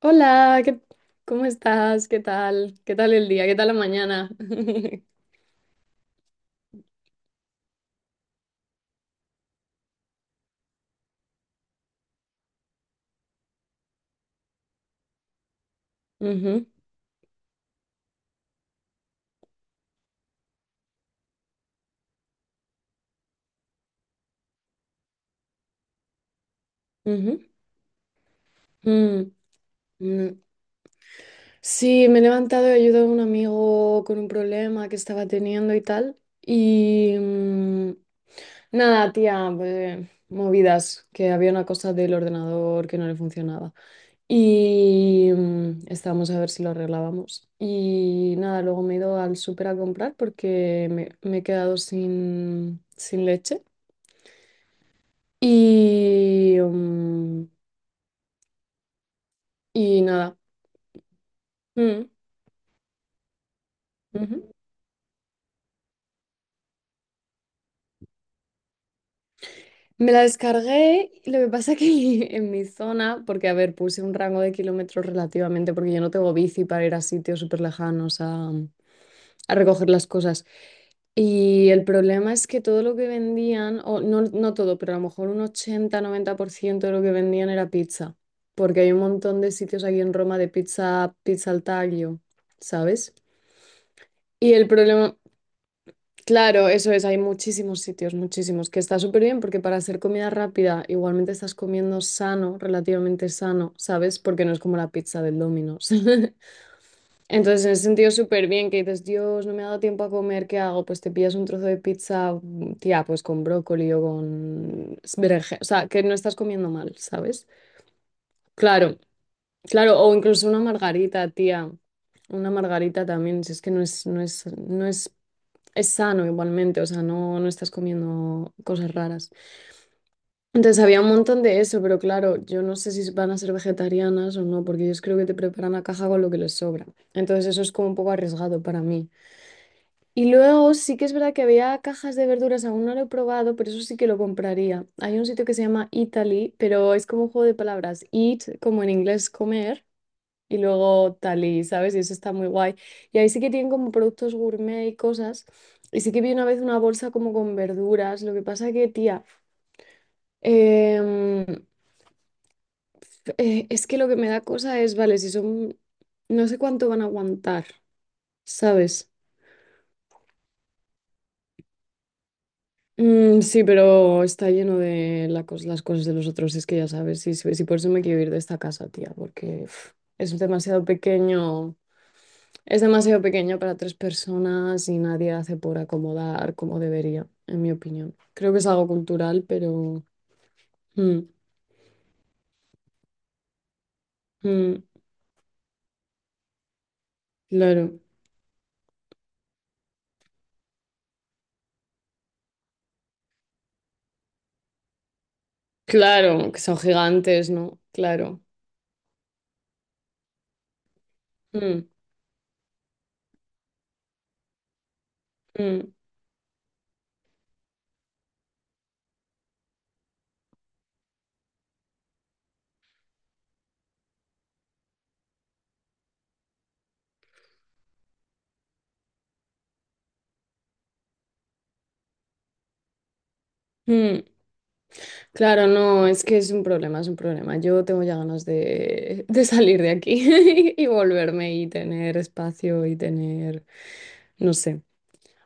Hola, ¿cómo estás? ¿Qué tal? ¿Qué tal el día? ¿Qué tal la mañana? Ujú, ujú. Mm, mm. Sí, me he levantado y he ayudado a un amigo con un problema que estaba teniendo y tal. Y nada, tía, pues, movidas, que había una cosa del ordenador que no le funcionaba. Y estábamos a ver si lo arreglábamos. Y nada, luego me he ido al súper a comprar porque me he quedado sin leche. Y, mm, y nada. Mm, ujú. Me la descargué, y lo que pasa es que en mi zona, porque a ver, puse un rango de kilómetros relativamente, porque yo no tengo bici para ir a sitios súper lejanos a recoger las cosas. Y el problema es que todo lo que vendían, o no, no todo, pero a lo mejor un 80-90% de lo que vendían era pizza, porque hay un montón de sitios aquí en Roma de pizza, pizza al taglio, ¿sabes? Y el problema, claro, eso es, hay muchísimos sitios, muchísimos, que está súper bien porque para hacer comida rápida igualmente estás comiendo sano, relativamente sano, ¿sabes? Porque no es como la pizza del Domino's. Entonces, en ese sentido, súper bien que dices, Dios, no me ha dado tiempo a comer, ¿qué hago? Pues te pillas un trozo de pizza, tía, pues con brócoli o con berenjena, o sea, que no estás comiendo mal, ¿sabes? Claro, claro, o incluso una margarita, tía, una margarita también, si es que no es, es sano igualmente, o sea, no, no estás comiendo cosas raras. Entonces había un montón de eso, pero claro, yo no sé si van a ser vegetarianas o no, porque ellos creo que te preparan la caja con lo que les sobra. Entonces eso es como un poco arriesgado para mí. Y luego sí que es verdad que había cajas de verduras, aún no lo he probado, pero eso sí que lo compraría. Hay un sitio que se llama Italy, pero es como un juego de palabras, eat como en inglés comer y luego tal y, ¿sabes? Y eso está muy guay. Y ahí sí que tienen como productos gourmet y cosas. Y sí que vi una vez una bolsa como con verduras. Lo que pasa que, tía, em, es que lo que me da cosa es, vale, si son, no sé cuánto van a aguantar, ¿sabes? Sí, pero está lleno de las cosas de los otros, es que ya sabes, y, si por eso me quiero ir de esta casa, tía, porque uf, es demasiado pequeño. Es demasiado pequeño para tres personas y nadie hace por acomodar como debería, en mi opinión. Creo que es algo cultural, pero. Mm, mm, claro, claro, que son gigantes, ¿no? Claro. Mm, mm, mm. Claro, no, es que es un problema, es un problema. Yo tengo ya ganas de salir de aquí y volverme y tener espacio y tener, no sé.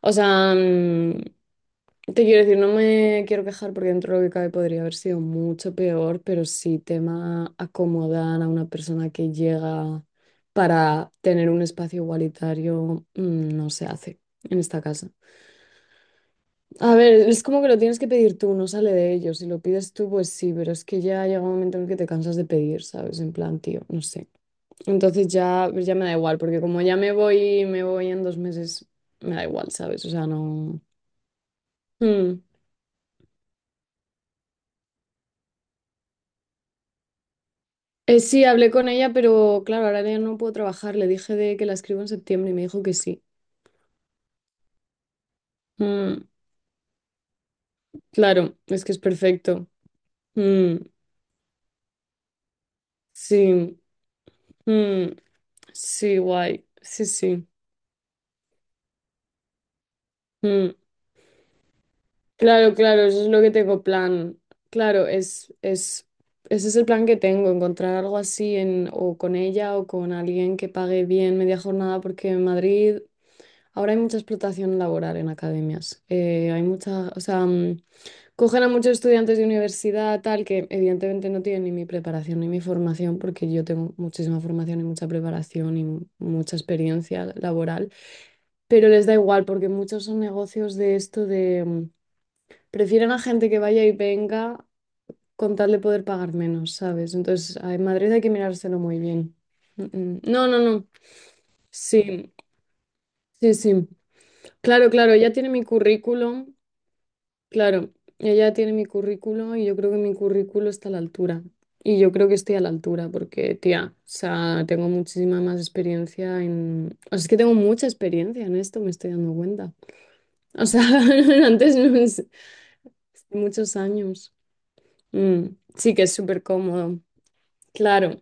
O sea, te quiero decir, no me quiero quejar porque dentro de lo que cabe podría haber sido mucho peor, pero sí tema acomodar a una persona que llega para tener un espacio igualitario, no se hace en esta casa. A ver, es como que lo tienes que pedir tú, no sale de ellos. Si lo pides tú, pues sí, pero es que ya llega un momento en el que te cansas de pedir, ¿sabes? En plan, tío, no sé. Entonces ya, pues ya me da igual, porque como ya me voy en 2 meses, me da igual, ¿sabes? O sea, no. Mm. Sí, hablé con ella, pero claro, ahora ya no puedo trabajar. Le dije de que la escribo en septiembre y me dijo que sí. Mm, claro, es que es perfecto. Mm, sí, mm, sí, guay. Sí, sí. Mm. Claro, claro, eso es lo que tengo plan. Claro, ese es el plan que tengo, encontrar algo así en, o con ella o con alguien que pague bien media jornada, porque en Madrid ahora hay mucha explotación laboral en academias. Hay mucha, o sea, cogen a muchos estudiantes de universidad, tal, que evidentemente no tienen ni mi preparación ni mi formación, porque yo tengo muchísima formación y mucha preparación y mucha experiencia laboral, pero les da igual porque muchos son negocios de esto de prefieren a gente que vaya y venga con tal de poder pagar menos, ¿sabes? Entonces, en Madrid hay que mirárselo muy bien. Mm, mm. No, no, no. Sí, sí, sí. Claro, claro, ya tiene mi currículum. Claro, ella tiene mi currículo y yo creo que mi currículo está a la altura. Y yo creo que estoy a la altura porque, tía, o sea, tengo muchísima más experiencia en. O sea, es que tengo mucha experiencia en esto, me estoy dando cuenta. O sea, antes no es- muchos años. Mm, sí que es súper cómodo. Claro,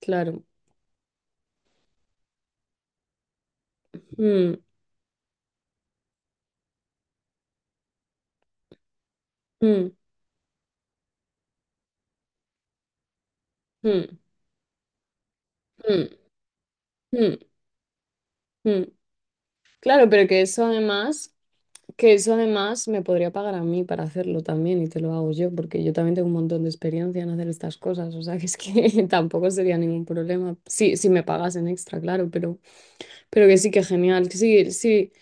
claro. Mm, mm, mm, mm, mm, mm. Claro, pero que eso además. Que eso además me podría pagar a mí para hacerlo también y te lo hago yo, porque yo también tengo un montón de experiencia en hacer estas cosas, o sea que es que tampoco sería ningún problema. Sí, si me pagasen extra, claro, pero que sí, que genial, que sí, sí,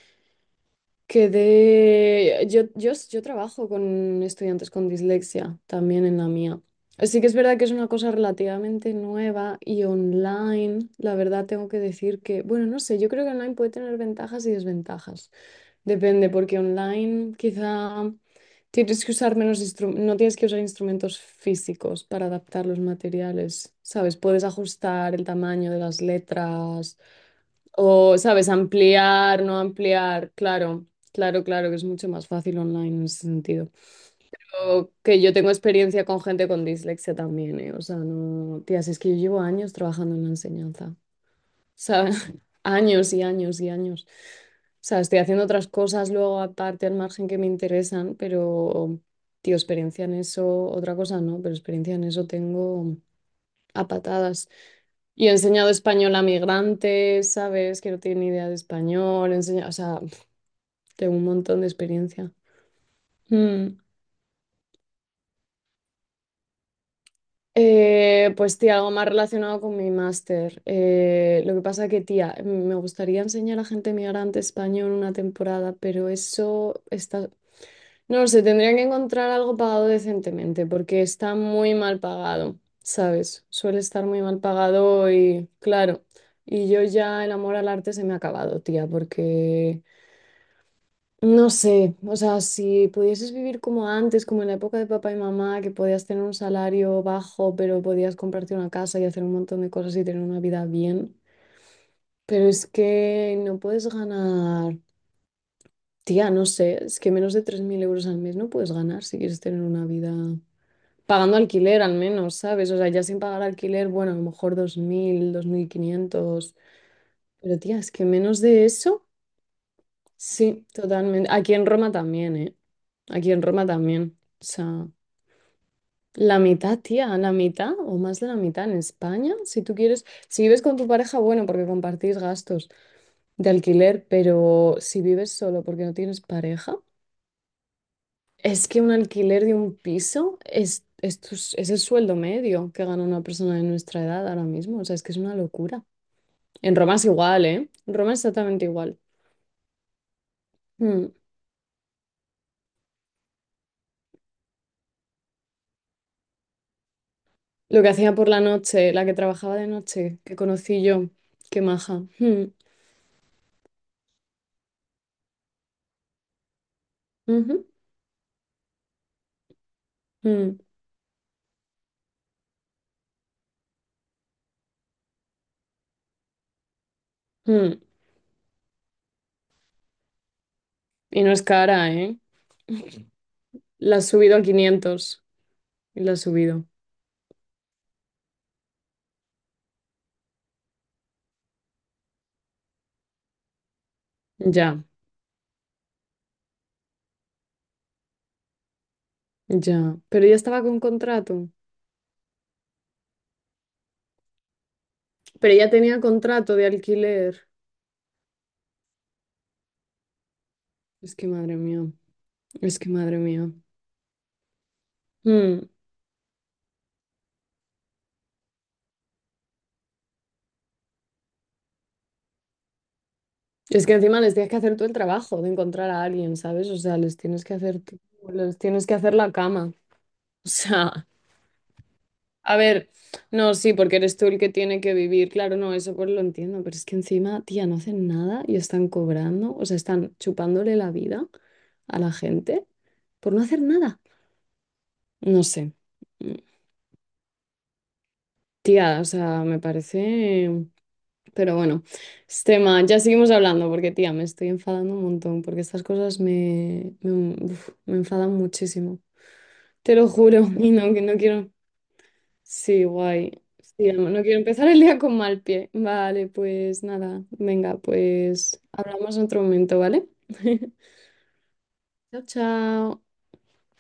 que de. Yo trabajo con estudiantes con dislexia también en la mía. Sí que es verdad que es una cosa relativamente nueva y online, la verdad tengo que decir que, bueno, no sé, yo creo que online puede tener ventajas y desventajas. Depende, porque online quizá tienes que usar menos no tienes que usar instrumentos físicos para adaptar los materiales, ¿sabes? Puedes ajustar el tamaño de las letras o, ¿sabes? Ampliar, no ampliar. Claro, claro, claro, que es mucho más fácil online en ese sentido. O que yo tengo experiencia con gente con dislexia también, ¿eh? O sea, no, tías, es que yo llevo años trabajando en la enseñanza sea, años y años y años. O sea, estoy haciendo otras cosas luego aparte al margen que me interesan, pero, tío, experiencia en eso, otra cosa no, pero experiencia en eso tengo a patadas. Y he enseñado español a migrantes, ¿sabes? Que no tienen ni idea de español, he enseñado, o sea, tengo un montón de experiencia. Mm. Pues tía, algo más relacionado con mi máster. Lo que pasa que, tía, me gustaría enseñar a gente migrante español una temporada, pero eso está. No lo sé, tendrían que encontrar algo pagado decentemente, porque está muy mal pagado, ¿sabes? Suele estar muy mal pagado y, claro, y yo ya el amor al arte se me ha acabado, tía, porque, no sé, o sea, si pudieses vivir como antes, como en la época de papá y mamá, que podías tener un salario bajo, pero podías comprarte una casa y hacer un montón de cosas y tener una vida bien, pero es que no puedes ganar, tía, no sé, es que menos de 3.000 euros al mes no puedes ganar si quieres tener una vida, pagando alquiler al menos, ¿sabes? O sea, ya sin pagar alquiler, bueno, a lo mejor 2.000, 2.500. Pero tía, es que menos de eso, sí, totalmente. Aquí en Roma también, ¿eh? Aquí en Roma también. O sea, la mitad, tía, la mitad o más de la mitad en España, si tú quieres, si vives con tu pareja, bueno, porque compartís gastos de alquiler, pero si vives solo porque no tienes pareja. Es que un alquiler de un piso es el sueldo medio que gana una persona de nuestra edad ahora mismo. O sea, es que es una locura. En Roma es igual, ¿eh? En Roma es exactamente igual. Mm. Lo que hacía por la noche, la que trabajaba de noche, que conocí yo, qué maja. Mm. Ujú. Mm. Mm. Y no es cara, ¿eh? La has subido a 500 y la has subido. Ya, ya. Pero ya estaba con contrato. Pero ya tenía contrato de alquiler. Es que madre mía, es que madre mía. Mm. Es que encima les tienes que hacer tú el trabajo de encontrar a alguien, ¿sabes? O sea, les tienes que hacer tú, les tienes que hacer la cama. O sea, a ver, no, sí, porque eres tú el que tiene que vivir, claro, no, eso pues lo entiendo, pero es que encima, tía, no hacen nada y están cobrando, o sea, están chupándole la vida a la gente por no hacer nada. No sé. Mm. Tía, o sea, me parece. Pero bueno, este tema, ya seguimos hablando porque, tía, me estoy enfadando un montón porque estas cosas me, uf, me enfadan muchísimo. Te lo juro, y no, que no quiero. Sí, guay. Sí, no no quiero empezar el día con mal pie. Vale, pues nada, venga, pues hablamos en otro momento, ¿vale? Chao, chao.